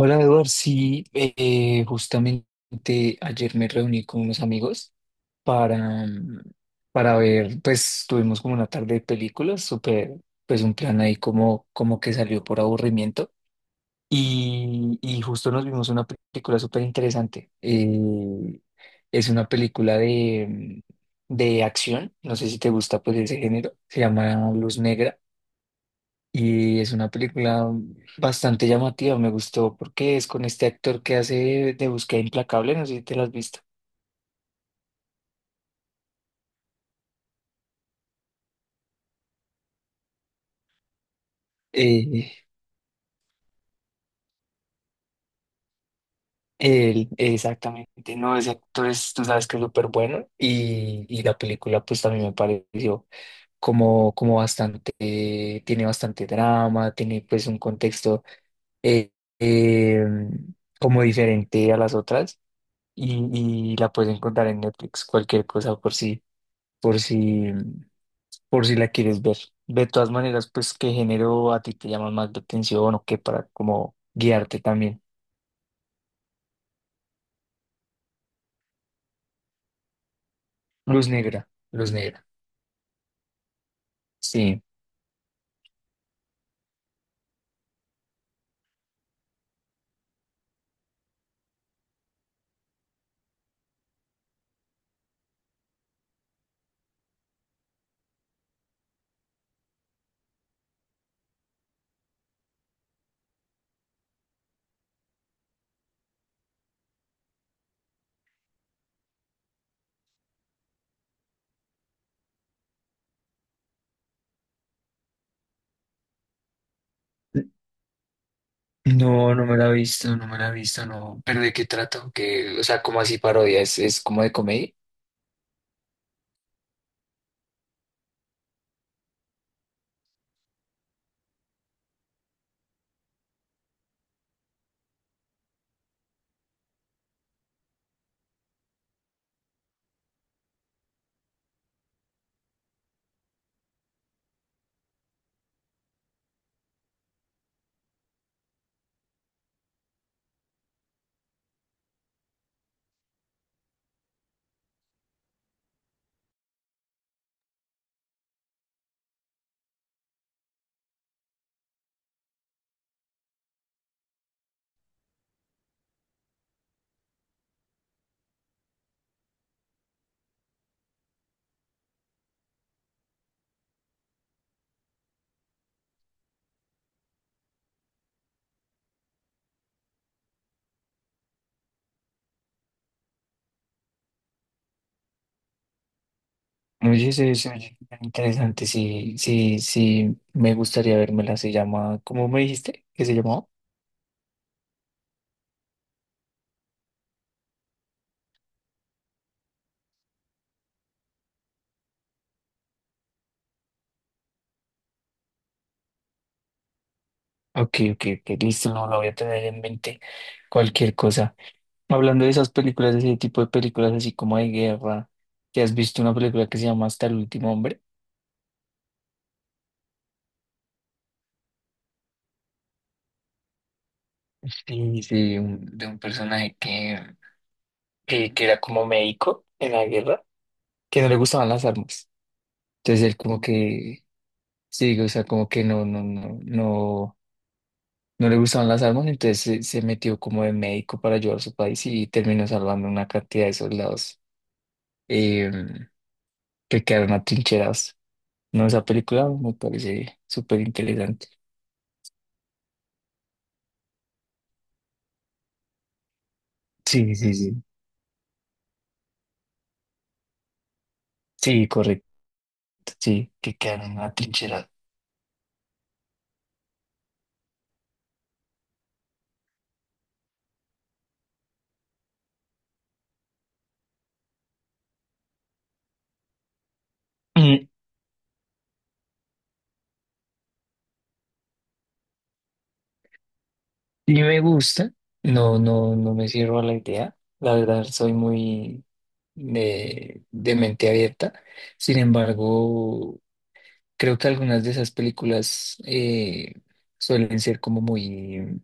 Hola Eduard, sí, justamente ayer me reuní con unos amigos para, mm, para ver, pues tuvimos como una tarde de películas, súper, pues un plan ahí como, como que salió por aburrimiento y justo nos vimos una película súper interesante. Es una película de acción, no sé si te gusta pues ese género, se llama Luz Negra y es una película bastante llamativa, me gustó porque es con este actor que hace de Búsqueda Implacable, no sé si te lo has visto. Eh, Él, exactamente, no, ese actor es, tú sabes que es súper bueno y la película pues también me pareció como, como bastante, tiene bastante drama, tiene pues un contexto eh, eh, como diferente a las otras y la puedes encontrar en Netflix, cualquier cosa por si. por si la quieres ver. De todas maneras, pues, ¿qué género a ti te llama más la atención o qué para como guiarte también? Luz negra, luz negra. Sí. No, no me la he visto, no me la he visto, no. ¿Pero de qué trata? Que ¿o sea, como así parodia? Es como de comedia? Oye, se oye bien interesante, sí, sí, sí, me gustaría vérmela, se llama, ¿cómo me dijiste que se llamó? Ok, ok, ok, listo, no la voy a tener en mente, cualquier cosa. Hablando de esas películas, de ese tipo de películas así como de guerra, ¿te has visto una película que se llama Hasta el último hombre? Sí, sí, un- de un personaje que era como médico en la guerra, que no le gustaban las armas. Entonces él como que, sí, o sea, como que no, no, no, no, no le gustaban las armas, entonces se metió como de médico para ayudar a su país y terminó salvando una cantidad de soldados eh, que quedaron atrincherados. No, esa película me parece súper interesante. Sí, sí, sí. Sí, correcto, sí, que quedan en la trinchera. Mm, y me gusta, no, no, no me cierro a la idea, la verdad soy muy de mente abierta, sin embargo, creo que algunas de esas películas suelen ser como muy...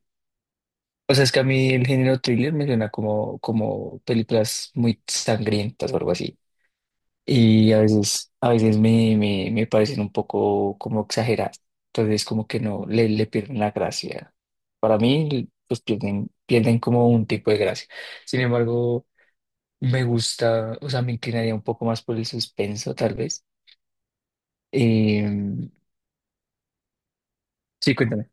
O sea, es que a mí el género thriller me suena como, como películas muy sangrientas o algo así. Y a veces me parecen un poco como exageradas. Entonces, como que no, le pierden la gracia. Para mí, pues pierden, pierden como un tipo de gracia. Sin embargo, me gusta, o sea, me inclinaría un poco más por el suspenso, tal vez. Em, sí, cuéntame.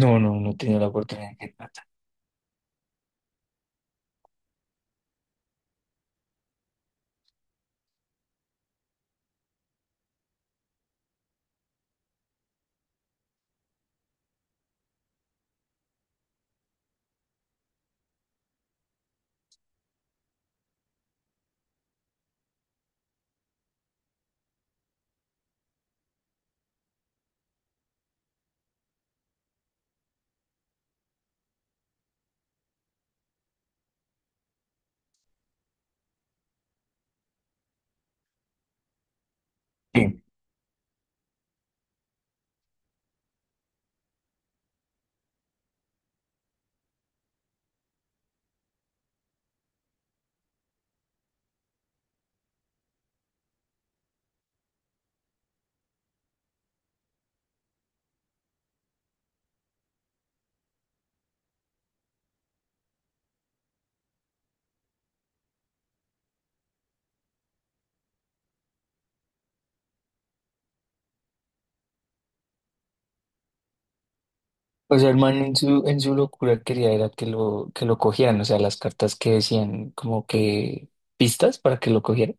No, no, no he tenido la oportunidad de tratar. Bien. O sea, el man en su locura quería era que lo cogieran, o sea, las cartas que decían como que pistas para que lo cogieran.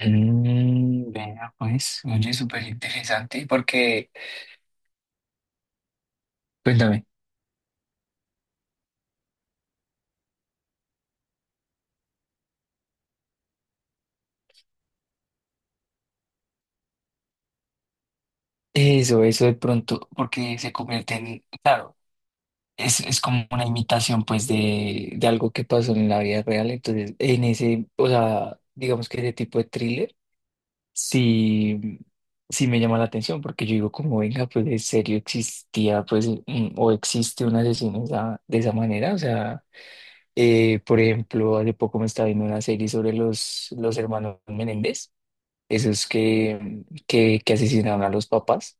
Mm, vea, pues, oye, súper interesante, porque, cuéntame, eso de pronto, porque se convierte en, claro, es como una imitación, pues, de algo que pasó en la vida real, entonces, en ese, o sea, digamos que ese tipo de thriller, sí, sí me llama la atención, porque yo digo, como, venga, pues, en serio existía, pues, un- o existe un asesino esa- de esa manera, o sea... por ejemplo, hace poco me estaba viendo una serie sobre los hermanos Menéndez, esos que asesinaron a los papás.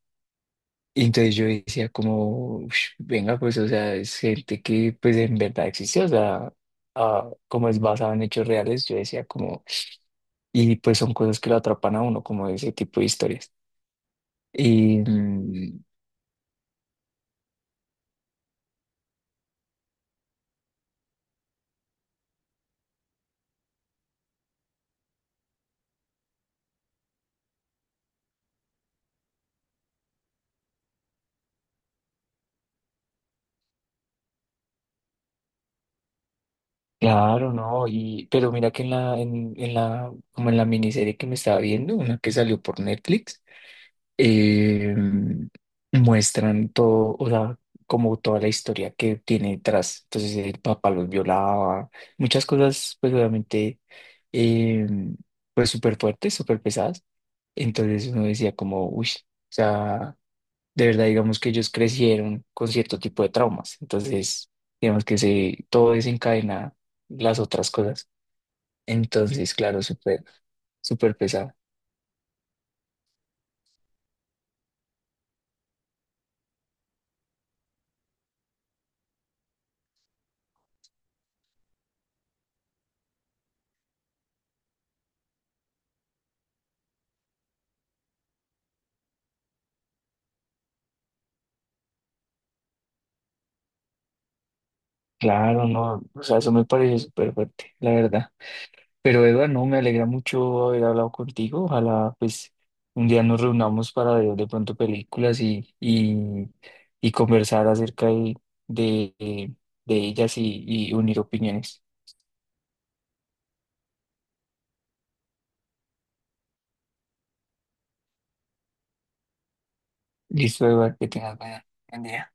Y entonces yo decía como, "Ush, venga, pues, o sea, es gente que pues en verdad existe, o sea, ah, como es basado en hechos reales", yo decía como, y pues son cosas que lo atrapan a uno, como ese tipo de historias. Y mm, claro, no, y, pero mira que en la, en la, como en la miniserie que me estaba viendo, una que salió por Netflix, eh, muestran todo, o sea, como toda la historia que tiene detrás. Entonces el papá los violaba, muchas cosas, pues obviamente, eh, pues súper fuertes, súper pesadas. Entonces uno decía como, uy, o sea, de verdad digamos que ellos crecieron con cierto tipo de traumas. Entonces, digamos que se, todo desencadena las otras cosas. Entonces, claro, súper, súper pesado. Claro, no, o sea, eso me pareció súper fuerte, la verdad. Pero Eduardo, no, me alegra mucho haber hablado contigo. Ojalá pues un día nos reunamos para ver de pronto películas y conversar acerca de, de ellas y unir opiniones. Listo, Eduardo, que tengas buena- buen día.